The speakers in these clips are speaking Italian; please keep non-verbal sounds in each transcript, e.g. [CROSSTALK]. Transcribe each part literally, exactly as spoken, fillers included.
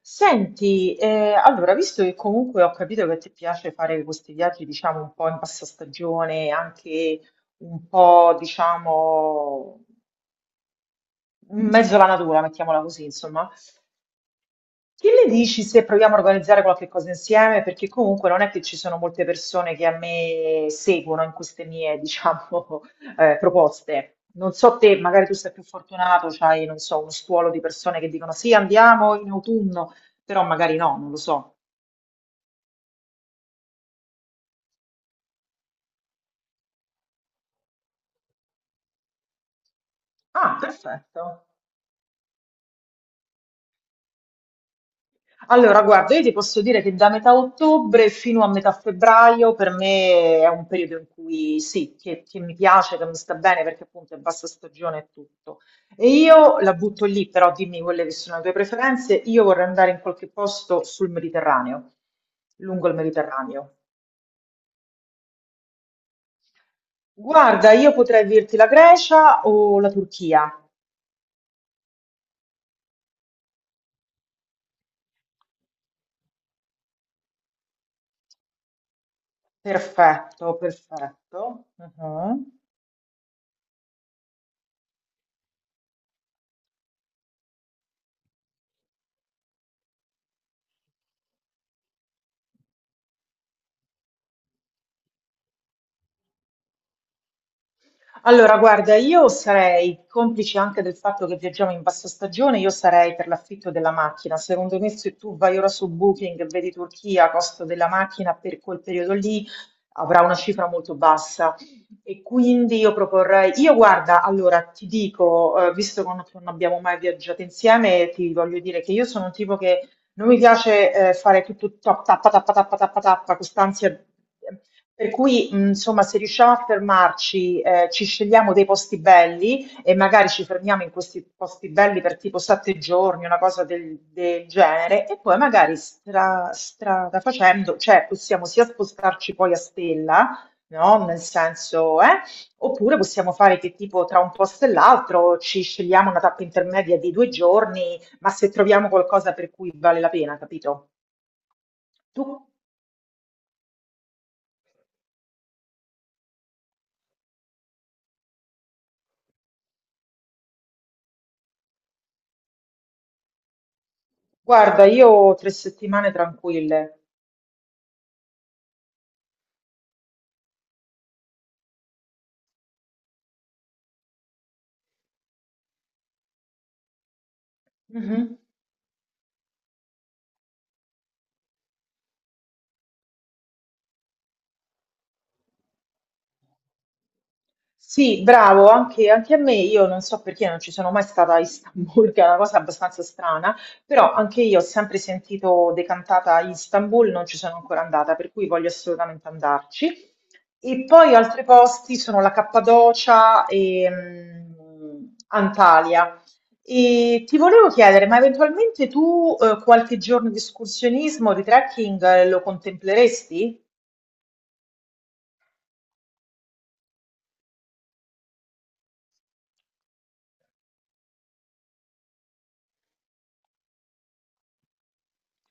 Senti, eh, allora, visto che comunque ho capito che ti piace fare questi viaggi, diciamo, un po' in passastagione, anche un po', diciamo, in mezzo alla natura, mettiamola così, insomma, che ne dici se proviamo a organizzare qualche cosa insieme? Perché comunque non è che ci sono molte persone che a me seguono in queste mie, diciamo, [LAUGHS] eh, proposte. Non so te, magari tu sei più fortunato, c'hai, non so, uno stuolo di persone che dicono sì, andiamo in autunno, però magari no, non lo so. Ah, perfetto. Allora, guarda, io ti posso dire che da metà ottobre fino a metà febbraio per me è un periodo in cui sì, che, che mi piace, che mi sta bene perché appunto è bassa stagione e tutto. E io la butto lì, però dimmi quelle che sono le tue preferenze. Io vorrei andare in qualche posto sul Mediterraneo, lungo il Mediterraneo. Guarda, io potrei dirti la Grecia o la Turchia. Perfetto, perfetto. Mhm. Allora, guarda, io sarei, complice anche del fatto che viaggiamo in bassa stagione, io sarei per l'affitto della macchina. Secondo me, se tu vai ora su Booking e vedi Turchia, costo della macchina per quel periodo lì avrà una cifra molto bassa. E quindi io proporrei, io guarda, allora ti dico, eh, visto che non non abbiamo mai viaggiato insieme, ti voglio dire che io sono un tipo che non mi piace eh, fare tutto top, tappa, tappa, tappa, tappa, tappa, quest'ansia, per cui, mh, insomma, se riusciamo a fermarci, eh, ci scegliamo dei posti belli e magari ci fermiamo in questi posti belli per tipo sette giorni, una cosa del, del genere, e poi magari stra- strada facendo, cioè possiamo sia spostarci poi a stella, no? Nel senso, eh? Oppure possiamo fare che tipo tra un posto e l'altro ci scegliamo una tappa intermedia di due giorni, ma se troviamo qualcosa per cui vale la pena, capito? Tu, guarda, io ho tre settimane tranquille. Mhm. Sì, bravo, anche, anche a me, io non so perché non ci sono mai stata a Istanbul, [LAUGHS] che è una cosa abbastanza strana, però anche io ho sempre sentito decantata Istanbul, non ci sono ancora andata, per cui voglio assolutamente andarci. E poi altri posti sono la Cappadocia e mm, Antalya. E ti volevo chiedere, ma eventualmente tu eh, qualche giorno di escursionismo, di trekking, eh, lo contempleresti?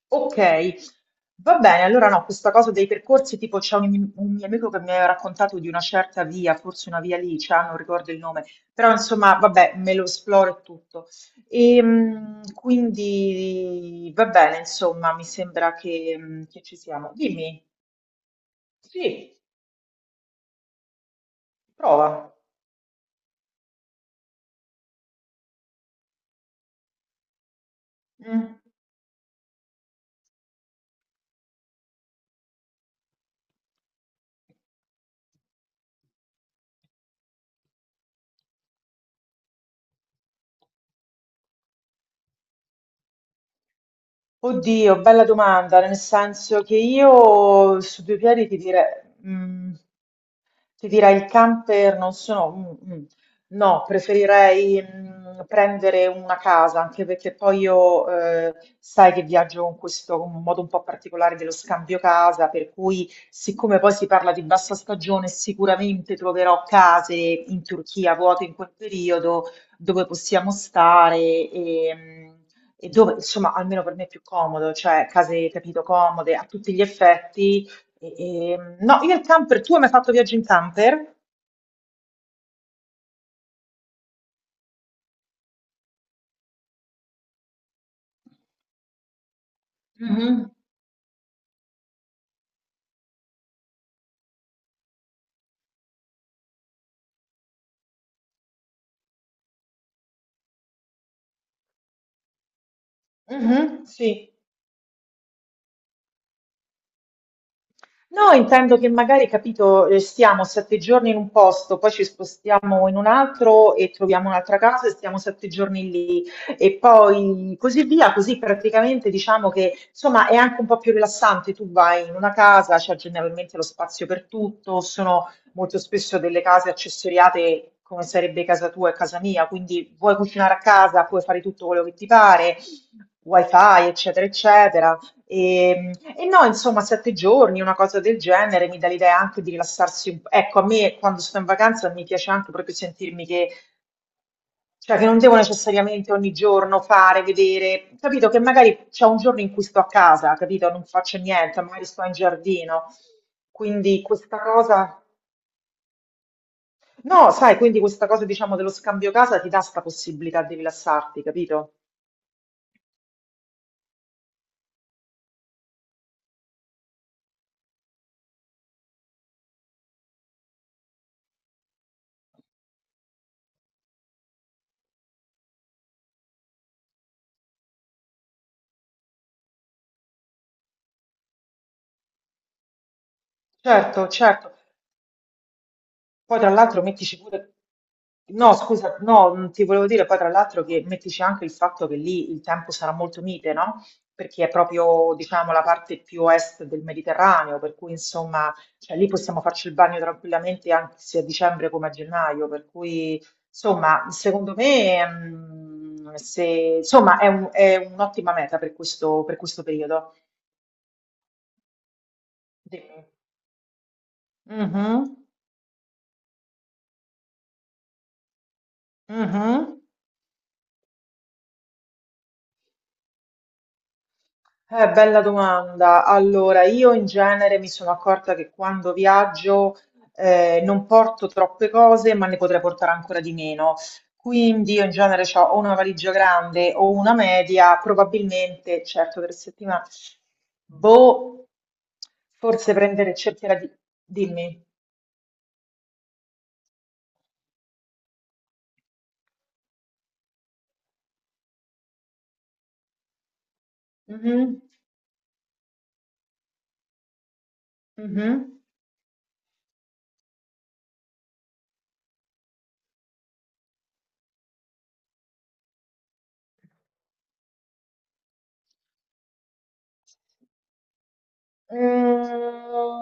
Ok, va bene, allora no, questa cosa dei percorsi, tipo c'è un, un mio amico che mi aveva raccontato di una certa via, forse una via lì, cioè, non ricordo il nome, però insomma, vabbè, me lo esploro e tutto. E, mh, quindi va bene, insomma, mi sembra che, mh, che ci siamo. Dimmi, sì, prova. Mm. Oddio, bella domanda, nel senso che io su due piedi ti direi... mm, Ti direi il camper non sono mh, mh, no, preferirei mh, prendere una casa, anche perché poi io eh, sai che viaggio con questo con un modo un po' particolare dello scambio casa, per cui siccome poi si parla di bassa stagione, sicuramente troverò case in Turchia vuote in quel periodo dove possiamo stare e mh, e dove, insomma, almeno per me è più comodo, cioè case, capito, comode a tutti gli effetti e- e- no, io il camper, tu hai mai fatto viaggio in camper? Mhm. Mhm, sì. No, intendo che magari, capito, eh, stiamo sette giorni in un posto, poi ci spostiamo in un altro e troviamo un'altra casa e stiamo sette giorni lì e poi così via, così praticamente diciamo che insomma è anche un po' più rilassante, tu vai in una casa, c'è generalmente lo spazio per tutto, sono molto spesso delle case accessoriate come sarebbe casa tua e casa mia, quindi vuoi cucinare a casa, puoi fare tutto quello che ti pare, wifi, eccetera, eccetera. E, e no, insomma, sette giorni, una cosa del genere, mi dà l'idea anche di rilassarsi un po'. Ecco, a me quando sto in vacanza mi piace anche proprio sentirmi che, cioè, che non devo necessariamente ogni giorno fare, vedere, capito? Che magari c'è un giorno in cui sto a casa, capito? Non faccio niente, magari sto in giardino. Quindi questa cosa, no, sai, quindi questa cosa, diciamo, dello scambio casa ti dà questa possibilità di rilassarti, capito? Certo, certo. Poi tra l'altro mettici pure, no scusa, no, mm, ti volevo dire poi tra l'altro che mettici anche il fatto che lì il tempo sarà molto mite, no? Perché è proprio, diciamo, la parte più est del Mediterraneo, per cui insomma, cioè, lì possiamo farci il bagno tranquillamente anche sia a dicembre come a gennaio, per cui insomma, secondo me, mm, se, insomma, è un- è un'ottima meta per questo, per questo periodo. De- Mhm, mhm. Eh, bella domanda. Allora, io in genere mi sono accorta che quando viaggio eh, non porto troppe cose, ma ne potrei portare ancora di meno. Quindi io in genere ho o una valigia grande o una media, probabilmente, certo, per settimana, boh, forse prendere, cercherà di... Dimmi. Mhm, mhm. Mm,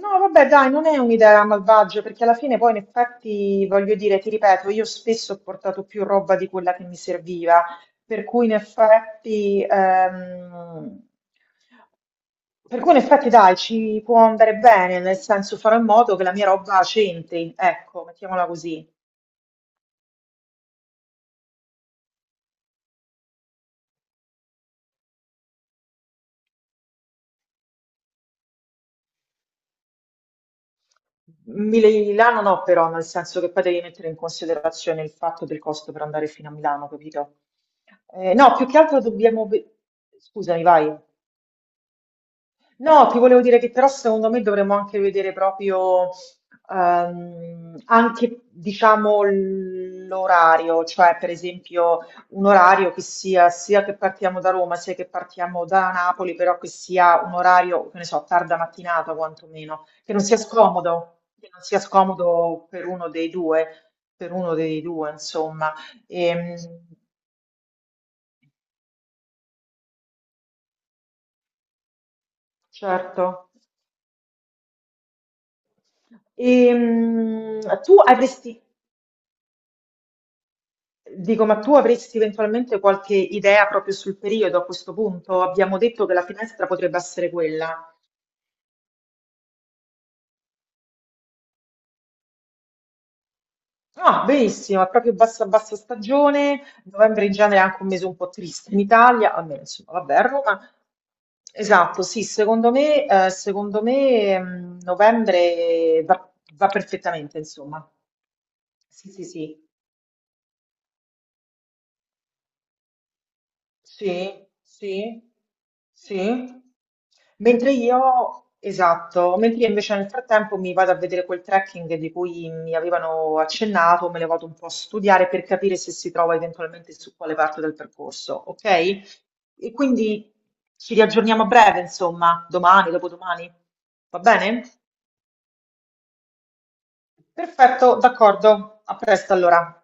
no, vabbè, dai, non è un'idea malvagia, perché alla fine poi in effetti, voglio dire, ti ripeto, io spesso ho portato più roba di quella che mi serviva, per cui in effetti, ehm, per cui in effetti, dai, ci può andare bene, nel senso farò in modo che la mia roba c'entri, ecco, mettiamola così. Milano no, però, nel senso che poi devi mettere in considerazione il fatto del costo per andare fino a Milano, capito? Eh, no, più che altro dobbiamo... ve- Scusami, vai. No, ti volevo dire che però secondo me dovremmo anche vedere proprio ehm, anche diciamo l- l'orario, cioè per esempio un orario che sia sia che partiamo da Roma sia che partiamo da Napoli, però che sia un orario, che ne so, tarda mattinata quantomeno, che non sia scomodo, che non sia scomodo per uno dei due, per uno dei due, insomma. Ehm, certo. E, tu avresti Dico, ma tu avresti eventualmente qualche idea proprio sul periodo a questo punto? Abbiamo detto che la finestra potrebbe essere quella. Ah, benissimo, è proprio bassa bassa stagione, novembre in genere è anche un mese un po' triste in Italia, almeno insomma, vabbè, a Roma. Esatto, sì, secondo me, eh, secondo me, mm, novembre va, va perfettamente, insomma. Sì, sì, sì. Sì, sì, sì. Mentre io, esatto, mentre io invece nel frattempo mi vado a vedere quel trekking di cui mi avevano accennato, me lo vado un po' a studiare per capire se si trova eventualmente su quale parte del percorso, ok? E quindi ci riaggiorniamo a breve, insomma, domani, dopodomani. Va bene? Perfetto, d'accordo. A presto allora.